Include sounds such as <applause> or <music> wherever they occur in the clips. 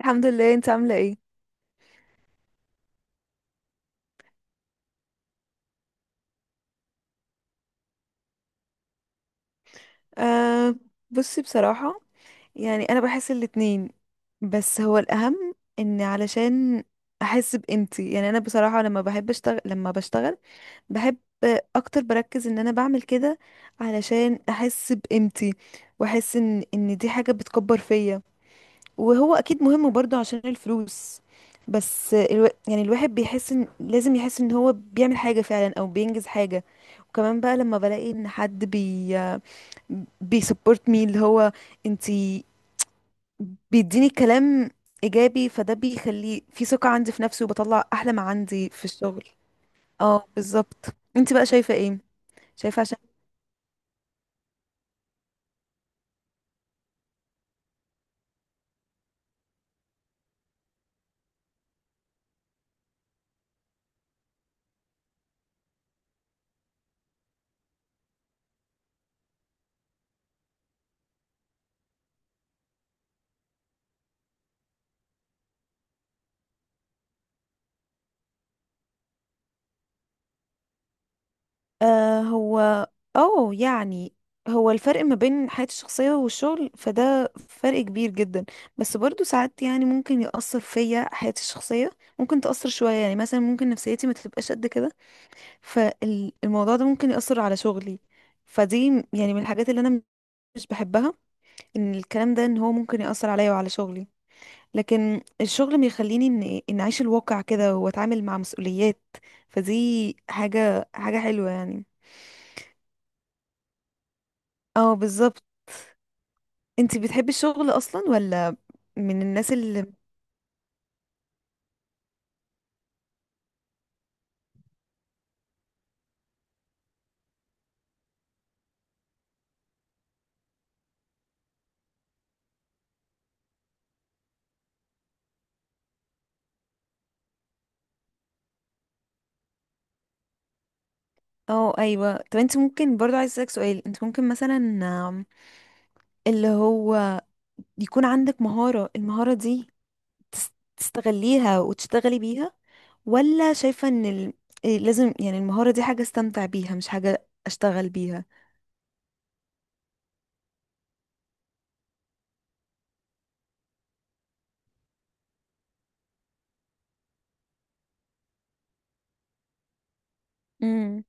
الحمد لله، انت عاملة ايه؟ آه. بصي، بصراحة يعني انا بحس الاتنين. بس هو الاهم ان علشان احس بقيمتي، يعني انا بصراحة لما بحب اشتغل لما بشتغل بحب اكتر، بركز ان انا بعمل كده علشان احس بقيمتي، واحس ان دي حاجة بتكبر فيا. وهو اكيد مهم برضو عشان الفلوس، بس يعني الواحد بيحس ان لازم يحس ان هو بيعمل حاجة فعلا او بينجز حاجة. وكمان بقى لما بلاقي ان حد بيسبورت مي، اللي هو انتي، بيديني كلام ايجابي، فده بيخلي في ثقة عندي في نفسي وبطلع احلى ما عندي في الشغل. اه، بالظبط. انتي بقى شايفة ايه؟ شايفة عشان آه هو اه يعني هو الفرق ما بين حياتي الشخصية والشغل، فده فرق كبير جدا، بس برضو ساعات يعني ممكن يأثر فيا حياتي الشخصية، ممكن تأثر شوية. يعني مثلا ممكن نفسيتي ما تبقاش قد كده، فالموضوع ده ممكن يأثر على شغلي. فدي يعني من الحاجات اللي انا مش بحبها، ان الكلام ده، ان هو ممكن يأثر عليا وعلى شغلي، لكن الشغل بيخليني ان اعيش الواقع كده واتعامل مع مسؤوليات، فدي حاجة حاجة حلوة يعني. اه بالظبط. انتي بتحبي الشغل اصلا، ولا من الناس اللي... اه، ايوه. طب انت ممكن برضو، عايز اسالك سؤال، انت ممكن مثلا آم، اللي هو يكون عندك مهارة، المهارة دي تستغليها وتشتغلي بيها، ولا شايفة ان إيه، لازم يعني المهارة دي حاجة استمتع بيها، مش حاجة اشتغل بيها؟ امم.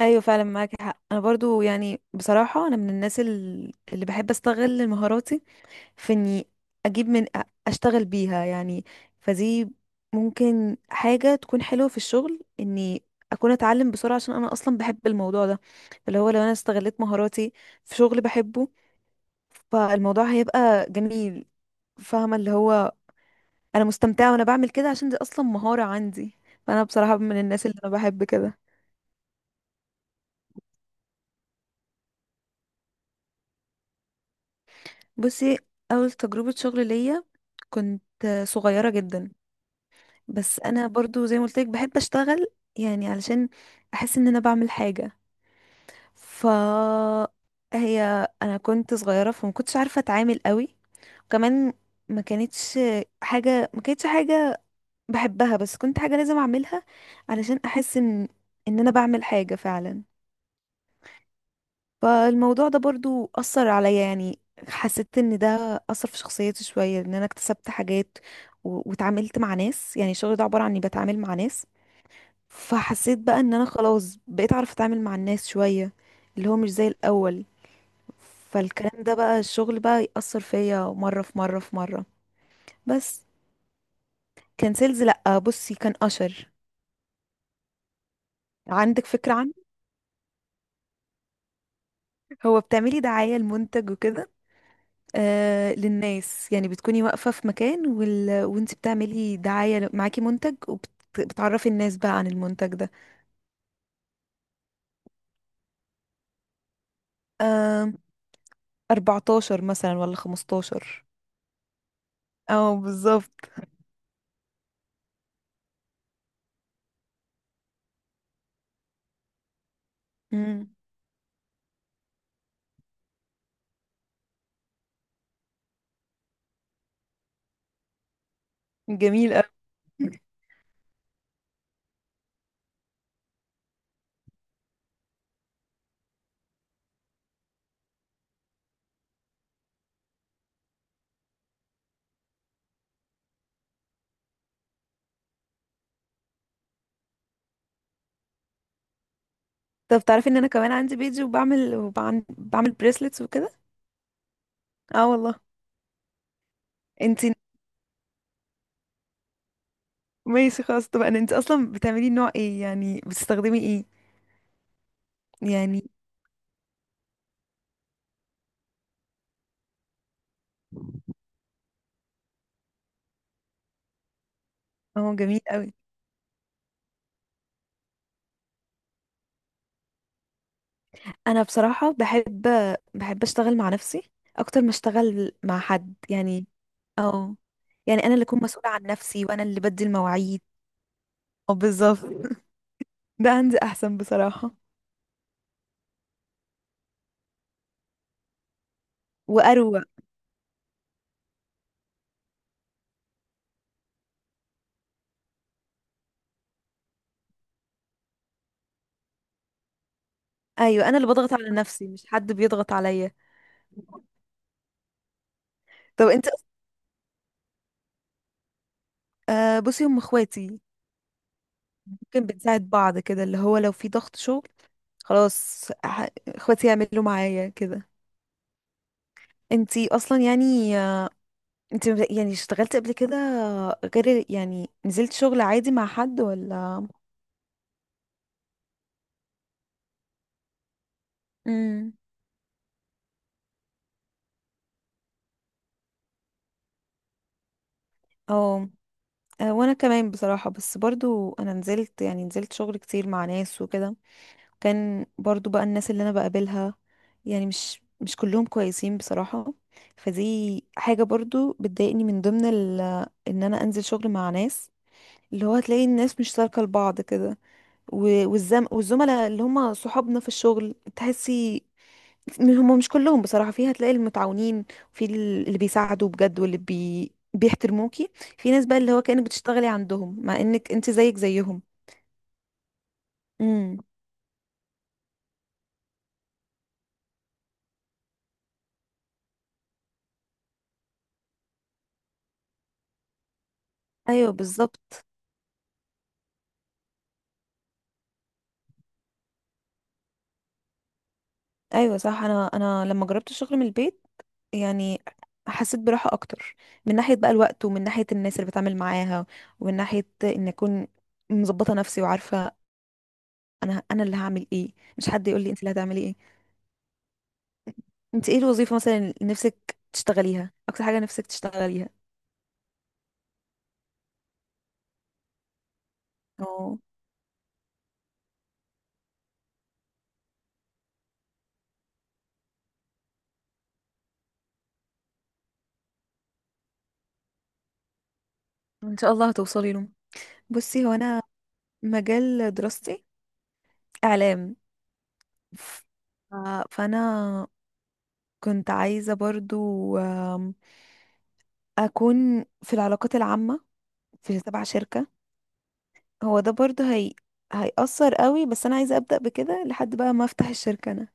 ايوه فعلا، معاك حق. انا برضو يعني بصراحة انا من الناس اللي بحب استغل مهاراتي في اني اجيب اشتغل بيها يعني. فدي ممكن حاجة تكون حلوة في الشغل، اني اكون اتعلم بسرعة عشان انا اصلا بحب الموضوع ده، اللي هو لو انا استغلت مهاراتي في شغل بحبه، فالموضوع هيبقى جميل. فاهمة اللي هو، انا مستمتعه وانا بعمل كده عشان دي اصلا مهاره عندي. فانا بصراحه من الناس اللي انا بحب كده. بصي، اول تجربه شغل ليا كنت صغيره جدا، بس انا برضو زي ما قلت لك بحب اشتغل، يعني علشان احس ان انا بعمل حاجه. ف هي انا كنت صغيره، فما كنتش عارفه اتعامل قوي، وكمان ما كانتش ما كانتش حاجه بحبها، بس كنت حاجه لازم اعملها علشان احس ان ان انا بعمل حاجه فعلا. فالموضوع ده برضو أثر عليا، يعني حسيت ان ده أثر في شخصيتي شوية، ان انا اكتسبت حاجات واتعاملت مع ناس، يعني الشغل ده عبارة عن اني بتعامل مع ناس، فحسيت بقى ان انا خلاص بقيت اعرف اتعامل مع الناس شوية، اللي هو مش زي الأول. فالكلام ده بقى الشغل بقى يأثر فيا مرة في مرة في مرة. بس كان سيلز، لأ، بصي كان أشر. عندك فكرة عنه؟ هو بتعملي دعاية لمنتج وكده، آه، للناس. يعني بتكوني واقفة في مكان وانت بتعملي دعاية معاكي منتج، وبتعرفي الناس بقى عن المنتج ده. آه، 14 مثلا ولا 15. اه بالظبط. مم. جميل أوي. طب تعرفي ان انا كمان عندي بيجي، وبعمل بعمل بريسلتس وكده. اه والله. انت ماشي، خلاص. طب انت اصلا بتعملي نوع ايه؟ يعني بتستخدمي ايه؟ يعني اه جميل قوي. انا بصراحه بحب اشتغل مع نفسي اكتر ما اشتغل مع حد يعني. اه، يعني انا اللي اكون مسؤوله عن نفسي، وانا اللي بدي المواعيد. اه بالظبط. ده عندي احسن بصراحه واروق. ايوه، انا اللي بضغط على نفسي، مش حد بيضغط عليا. طب انت بصي، هم اخواتي، ممكن بنساعد بعض كده، اللي هو لو في ضغط شغل خلاص اخواتي يعملوا معايا كده. انتي اصلا يعني، انت يعني اشتغلت قبل كده؟ غير يعني نزلت شغل عادي مع حد ولا؟ امم اه، وانا كمان بصراحة. بس برضو انا نزلت شغل كتير مع ناس وكده، كان برضو بقى الناس اللي انا بقابلها يعني مش كلهم كويسين بصراحة. فدي حاجة برضو بتضايقني، من ضمن ان انا انزل شغل مع ناس، اللي هو هتلاقي الناس مش سالكة لبعض كده، والزملاء اللي هم صحابنا في الشغل، تحسي هم مش كلهم بصراحة فيها. هتلاقي المتعاونين، وفي اللي بيساعدوا بجد، واللي بيحترموكي، في ناس بقى اللي هو كأنك بتشتغلي عندهم مع انك انت زيك زيهم. امم. ايوه بالظبط. ايوه صح. انا لما جربت الشغل من البيت، يعني حسيت براحة اكتر، من ناحية بقى الوقت، ومن ناحية الناس اللي بتعامل معاها، ومن ناحية ان اكون مظبطة نفسي وعارفة انا اللي هعمل ايه، مش حد يقول لي انت اللي هتعملي ايه. انت ايه الوظيفة مثلا اللي نفسك تشتغليها، اكتر حاجة نفسك تشتغليها؟ اه، ان شاء الله هتوصلي له. بصي هو انا مجال دراستي اعلام، ف- فانا كنت عايزه برضو آم، اكون في العلاقات العامه، في تبع شركه. هو ده برضو هي هيأثر قوي، بس انا عايزه ابدا بكده لحد بقى ما افتح الشركه انا،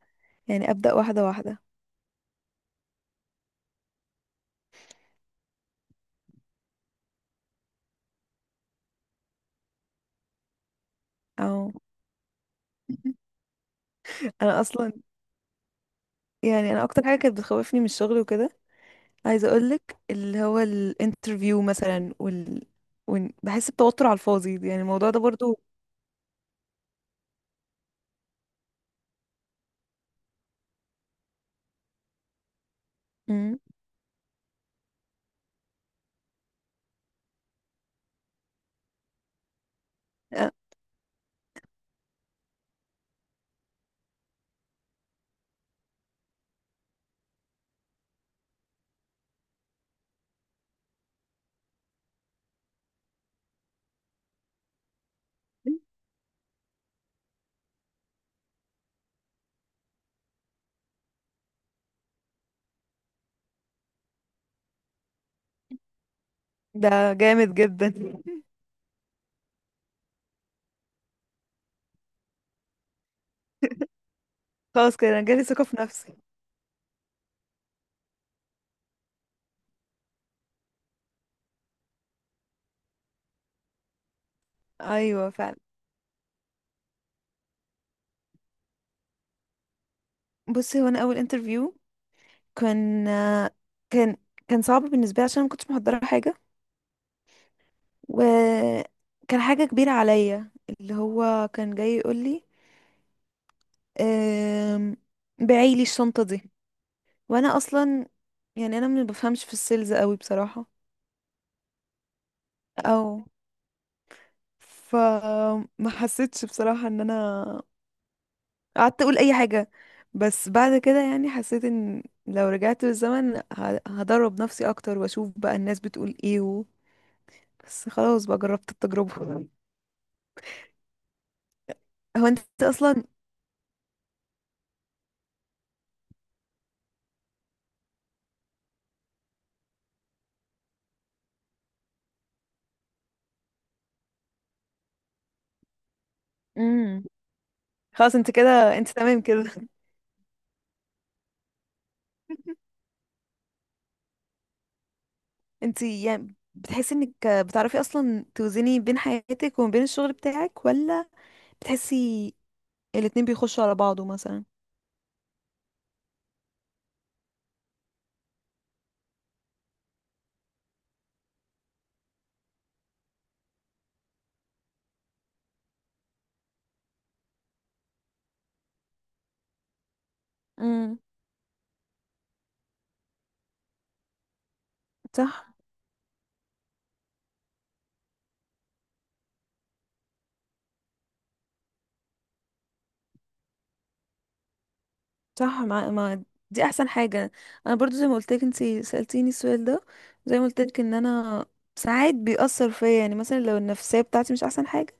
يعني ابدا واحده واحده. او. <laughs> انا اصلا يعني انا اكتر حاجه كانت بتخوفني من الشغل وكده، عايزه اقولك، اللي هو الانترفيو مثلا بحس بتوتر على الفاضي، يعني الموضوع ده برضو. مم. آه. ده جامد جدا. <laughs> خلاص كده انا جالي ثقة في نفسي. ايوه فعلا. بصي هو انا اول انترفيو كان آه، كان كان صعب بالنسبة لي، عشان أنا ما كنتش محضرة حاجة، وكان حاجة كبيرة عليا، اللي هو كان جاي يقول لي أم... بعي لي الشنطة دي، وانا اصلا يعني انا ما بفهمش في السيلز قوي بصراحة. او، فما حسيتش بصراحة ان انا قعدت اقول اي حاجة، بس بعد كده يعني حسيت ان لو رجعت بالزمن، هدرب نفسي اكتر واشوف بقى الناس بتقول ايه بس خلاص بقى جربت التجربة. هو انت اصلا. امم خلاص، انت كده، انت تمام كده. <laughs> انت يعني بتحسي انك بتعرفي اصلا توزني بين حياتك وما بين الشغل بتاعك، ولا بتحسي الاتنين بيخشوا على بعضه مثلا؟ امم. صح، صح. ما دي احسن حاجه. انا برضو زي ما قلت لك، انت سالتيني السؤال ده، زي ما قلت لك ان انا ساعات بيأثر فيا، يعني مثلا لو النفسيه بتاعتي مش احسن حاجه،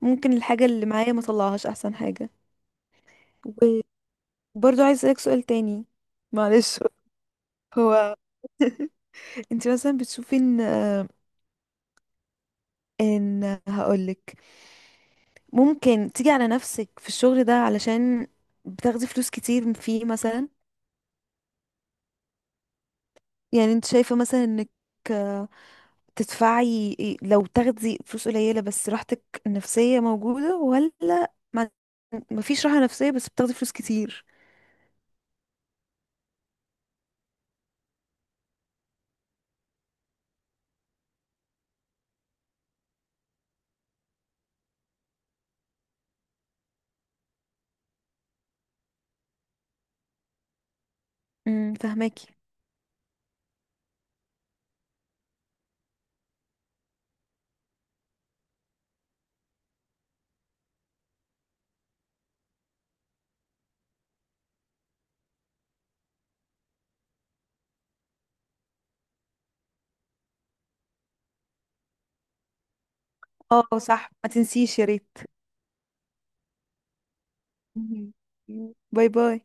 ممكن الحاجه اللي معايا ما طلعهاش احسن حاجه. وبرضو عايز اسالك سؤال تاني، معلش. <laughs> هو انت مثلا بتشوفي ان هقولك، ممكن تيجي على نفسك في الشغل ده علشان بتاخدي فلوس كتير فيه مثلا؟ يعني انت شايفة مثلا انك تدفعي لو تاخدي فلوس قليلة بس راحتك النفسية موجودة، ولا ما مفيش راحة نفسية بس بتاخدي فلوس كتير؟ امم، فهماكي. اه صح، ما تنسيش يا ريت. مهم. باي باي.